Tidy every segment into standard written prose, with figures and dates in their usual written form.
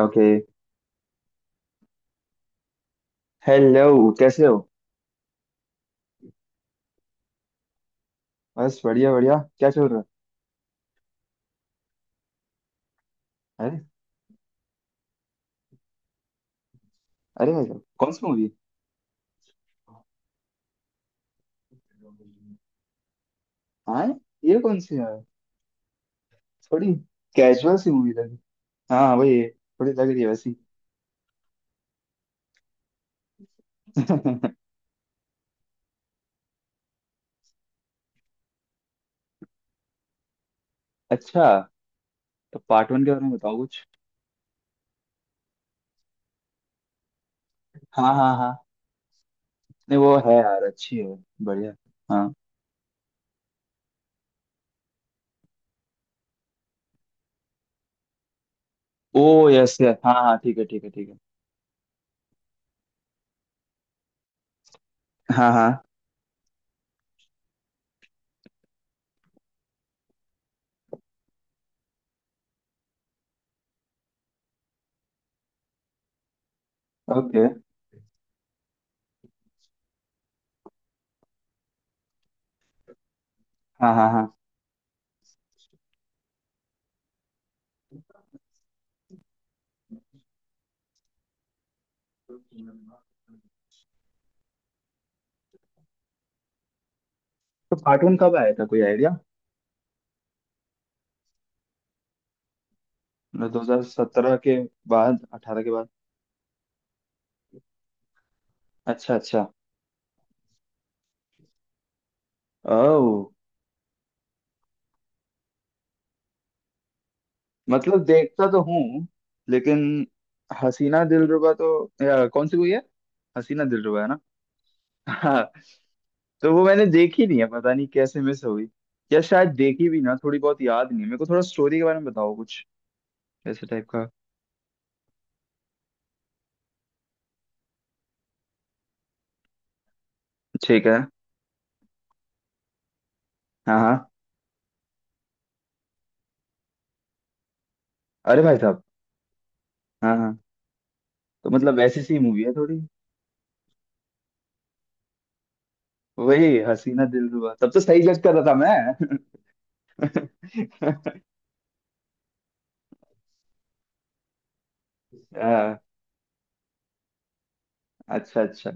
Okay. Hello, कैसे हो? बस बढ़िया बढ़िया, क्या चल रहा है? अरे, अरे भाई साहब, कौन सी मूवी? हाँ, ये कौन सी है? थोड़ी कैजुअल सी मूवी लगी। हाँ हाँ, वही है, थोड़ी लग रही है वैसी। अच्छा, तो पार्ट वन के बारे में बताओ कुछ। हाँ हाँ हाँ, नहीं वो है यार, अच्छी है, बढ़िया। हाँ। ओ, यस यस, हाँ हाँ, ठीक है ठीक है ठीक है। हाँ हाँ। ओके। हाँ हाँ हाँ, तो पार्ट वन कब आया था, कोई आइडिया? 2017 के बाद, 18 के बाद? अच्छा अच्छा। ओ, मतलब देखता तो हूँ लेकिन हसीना दिलरुबा तो, या कौन सी हुई है? हसीना दिलरुबा है ना? हाँ, तो वो मैंने देखी नहीं है, पता नहीं कैसे मिस हो गई। या शायद देखी भी ना, थोड़ी बहुत याद नहीं है। मेरे को थोड़ा स्टोरी के बारे में बताओ कुछ, ऐसे टाइप का। ठीक है। हाँ हाँ। अरे भाई साहब। हाँ हाँ। तो मतलब ऐसी सी मूवी है थोड़ी? वही हसीना दिलरुबा, तब तो सही जज कर रहा था मैं। हाँ। अच्छा अच्छा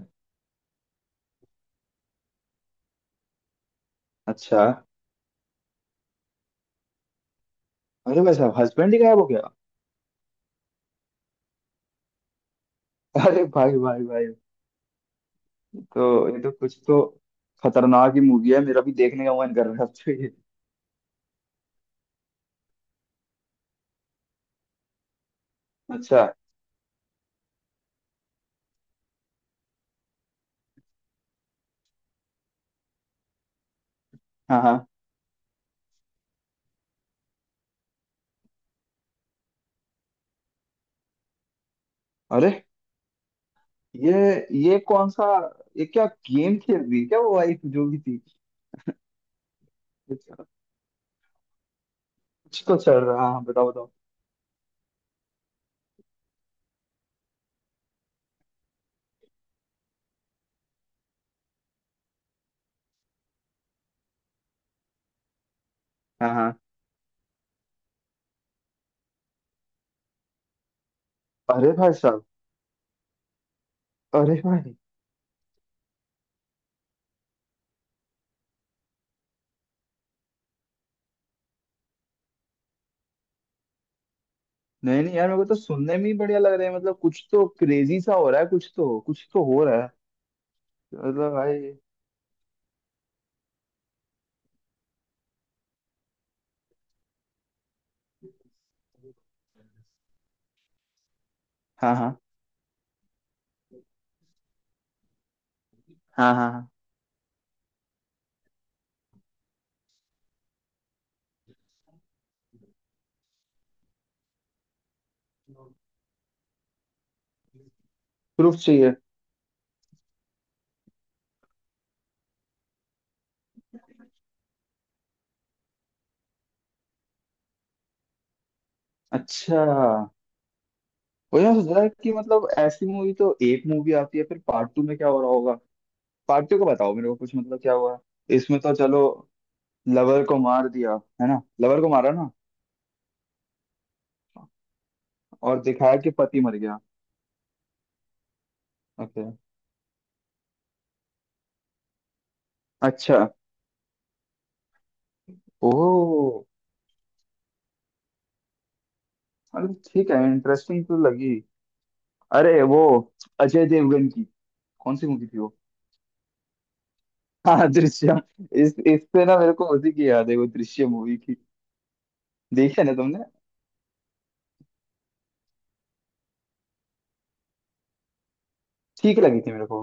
अच्छा। अरे भाई साहब, हस्बैंड ही गायब हो गया! अरे भाई भाई भाई! तो ये तो कुछ तो खतरनाक ही मूवी है, मेरा भी देखने का मन कर रहा है अब तो ये। अच्छा। हाँ हाँ। अरे, ये ये कौन सा, ये क्या गेम खेल रही है क्या वो वाइफ जो भी थी? अच्छा, कुछ तो चल रहा है, हाँ हाँ, बताओ बताओ। हाँ हाँ। अरे भाई साहब। अरे भाई। नहीं नहीं यार, मेरे को तो सुनने में ही बढ़िया लग रहा है, मतलब कुछ तो क्रेजी सा हो रहा है, कुछ तो हो रहा है। मतलब भाई। हाँ हाँ हाँ हाँ हाँ। प्रूफ चाहिए। अच्छा। वही मैं सोच रहा है कि मतलब ऐसी मूवी तो, एक मूवी आती है फिर पार्ट टू में क्या हो रहा होगा? पार्ट टू का बताओ मेरे को कुछ, मतलब क्या हुआ? इसमें तो चलो, लवर को मार दिया, है ना? लवर को मारा ना, और दिखाया कि पति मर गया। ओके। अच्छा। ओह। अरे ठीक है, इंटरेस्टिंग तो लगी। अरे वो अजय देवगन की कौन सी मूवी थी वो? हाँ, दृश्यम। इस इससे ना मेरे को उसी की याद है, वो दृश्यम मूवी की। देखी है ना तुमने? ठीक लगी थी मेरे को।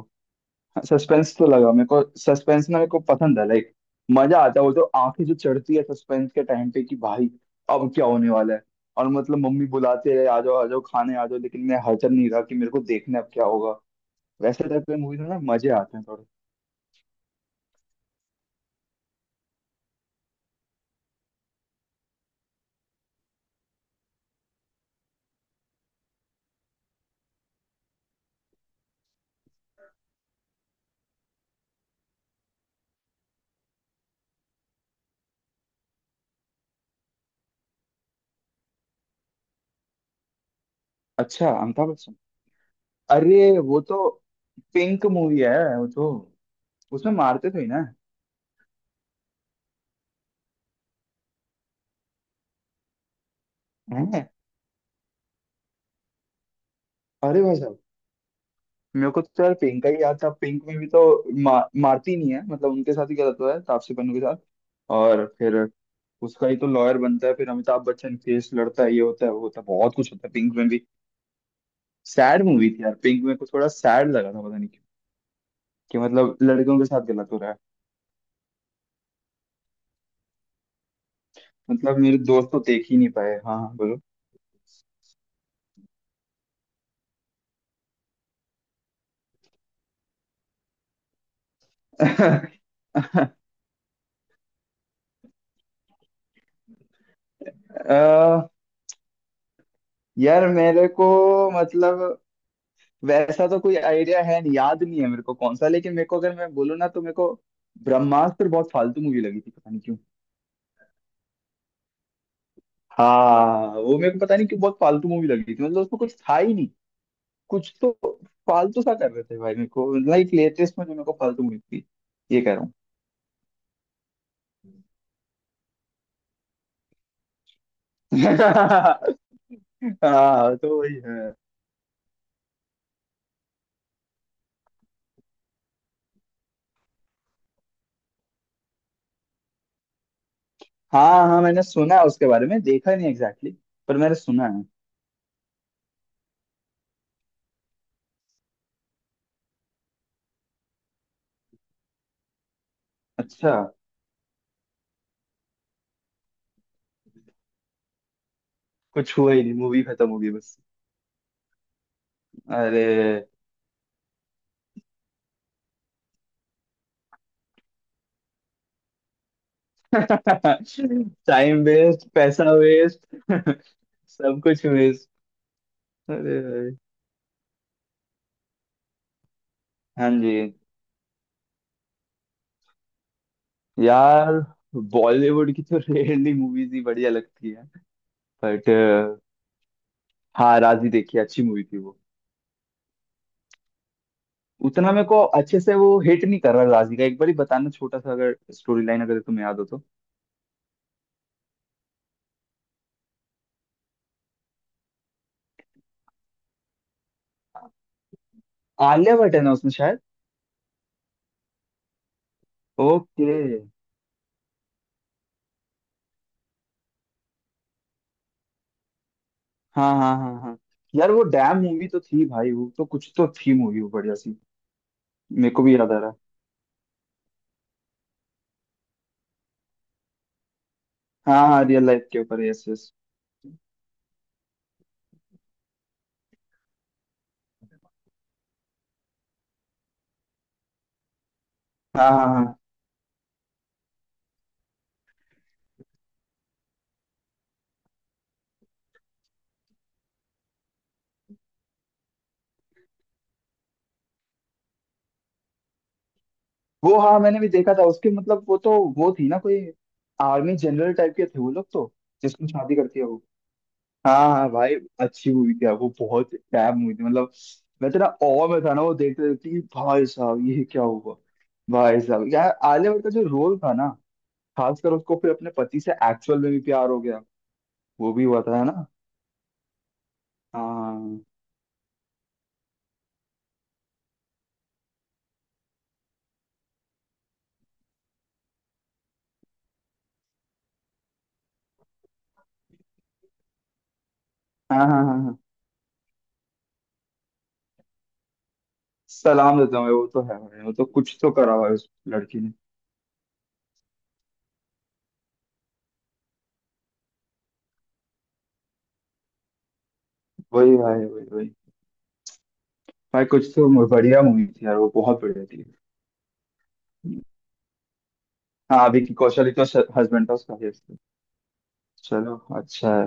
सस्पेंस तो लगा, मेरे को सस्पेंस ना मेरे को पसंद है, लाइक मजा आता है। वो तो आंखें जो चढ़ती है सस्पेंस के टाइम पे, कि भाई अब क्या होने वाला है। और मतलब मम्मी बुलाते रहे, आ जाओ आ जाओ, खाने आ जाओ, लेकिन मैं हचर नहीं रहा कि मेरे को देखना है अब क्या होगा। वैसे टाइप के मूवीज में ना मजे आते हैं थोड़े। अच्छा, अमिताभ बच्चन? अरे वो तो पिंक मूवी है वो तो, उसमें मारते थे ही ना? हैं? अरे भाई साहब। मेरे को तो यार पिंक का ही याद था। पिंक में भी तो मारती नहीं है, मतलब उनके साथ ही गलत हुआ है, तापसी पन्नू के साथ। और फिर उसका ही तो लॉयर बनता है, फिर अमिताभ बच्चन केस लड़ता है, ये होता है वो होता है, बहुत कुछ होता है पिंक में भी। सैड मूवी थी यार पिंक, में कुछ थोड़ा सैड लगा था, पता नहीं क्यों। कि मतलब लड़कियों के साथ गलत हो रहा है। मतलब मेरे दोस्त तो देख ही नहीं पाए। हाँ हाँ, बोलो। अ, यार मेरे को, मतलब वैसा तो कोई आइडिया है नहीं, याद नहीं है मेरे को कौन सा, लेकिन मेरे को अगर मैं बोलूँ ना तो मेरे को ब्रह्मास्त्र बहुत फालतू मूवी लगी थी, पता नहीं क्यों। हाँ, वो मेरे को पता नहीं क्यों बहुत फालतू मूवी लगी थी, मतलब उसमें कुछ था ही नहीं, कुछ तो फालतू सा कर रहे थे भाई। मेरे को लाइक लेटेस्ट में जो मेरे को फालतू मिली थी, ये कह रहा हूँ। हाँ तो वही है। हाँ हाँ, मैंने सुना है उसके बारे में, देखा नहीं एग्जैक्टली exactly, पर मैंने सुना है। अच्छा, कुछ हुआ ही नहीं, मूवी खत्म हो गई बस। अरे! टाइम वेस्ट, पैसा वेस्ट। सब कुछ वेस्ट। अरे भाई। हाँ जी। यार बॉलीवुड की तो रेयरली मूवीज ही बढ़िया लगती है। बट हाँ, राजी देखी, अच्छी मूवी थी वो। उतना मेरे को अच्छे से वो हिट नहीं कर रहा राजी का, एक बार ही बताना छोटा सा, अगर स्टोरी लाइन अगर तुम्हें याद हो तो। आलिया भट्ट है ना उसमें शायद? ओके। हाँ हाँ हाँ हाँ। यार वो डैम मूवी तो थी भाई, वो तो कुछ तो थी मूवी वो, बढ़िया सी। मेरे को भी याद आ रहा है। हाँ हाँ, रियल लाइफ के ऊपर, यस यस। हाँ हाँ हाँ। वो, हाँ, मैंने भी देखा था उसके, मतलब वो तो, वो थी ना कोई, आर्मी जनरल टाइप के थे वो लोग तो, जिसको शादी करती है वो। हाँ हाँ भाई। अच्छी मूवी थी यार, वो बहुत टैब मूवी थी मतलब। मैं तो ना awe में था ना, वो देखते देखते, कि भाई साहब ये क्या हुआ! भाई साहब, यार आलिया भट्ट का जो रोल था ना, खासकर उसको फिर अपने पति से एक्चुअल में भी प्यार हो गया। वो भी हुआ था, है ना? हाँ हाँ हाँ हाँ हाँ। सलाम देता हूँ भाई, वो तो है भाई, वो तो कुछ तो करा भाई उस लड़की ने। वही भाई, वही वही। भाई, कुछ तो बढ़िया मूवी थी यार, वो बहुत बढ़िया थी। हाँ, विकी कौशल ही तो हस्बैंड था उसका। yes। चलो, अच्छा है।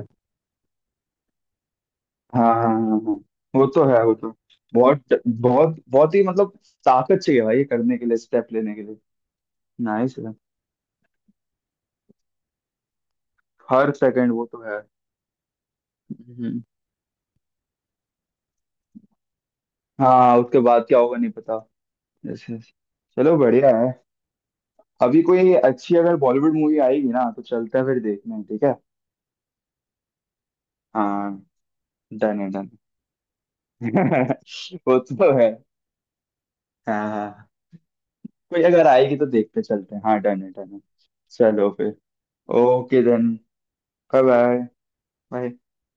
हाँ हाँ हाँ हाँ। हाँ। वो तो है, वो तो बहुत बहुत बहुत ही, मतलब ताकत चाहिए भाई ये करने के लिए, स्टेप लेने के लिए। नाइस है। हर सेकंड वो तो है। हम्म। हाँ, उसके बाद क्या होगा नहीं पता, जैसे। चलो, बढ़िया है। अभी कोई अच्छी अगर बॉलीवुड मूवी आएगी ना तो चलते हैं फिर देखने, ठीक है? हाँ, डन है डन। वो तो है। हाँ हाँ। कोई अगर आएगी तो देखते चलते हैं, हाँ डन है डन है, चलो फिर। Okay then. Bye. Bye bye.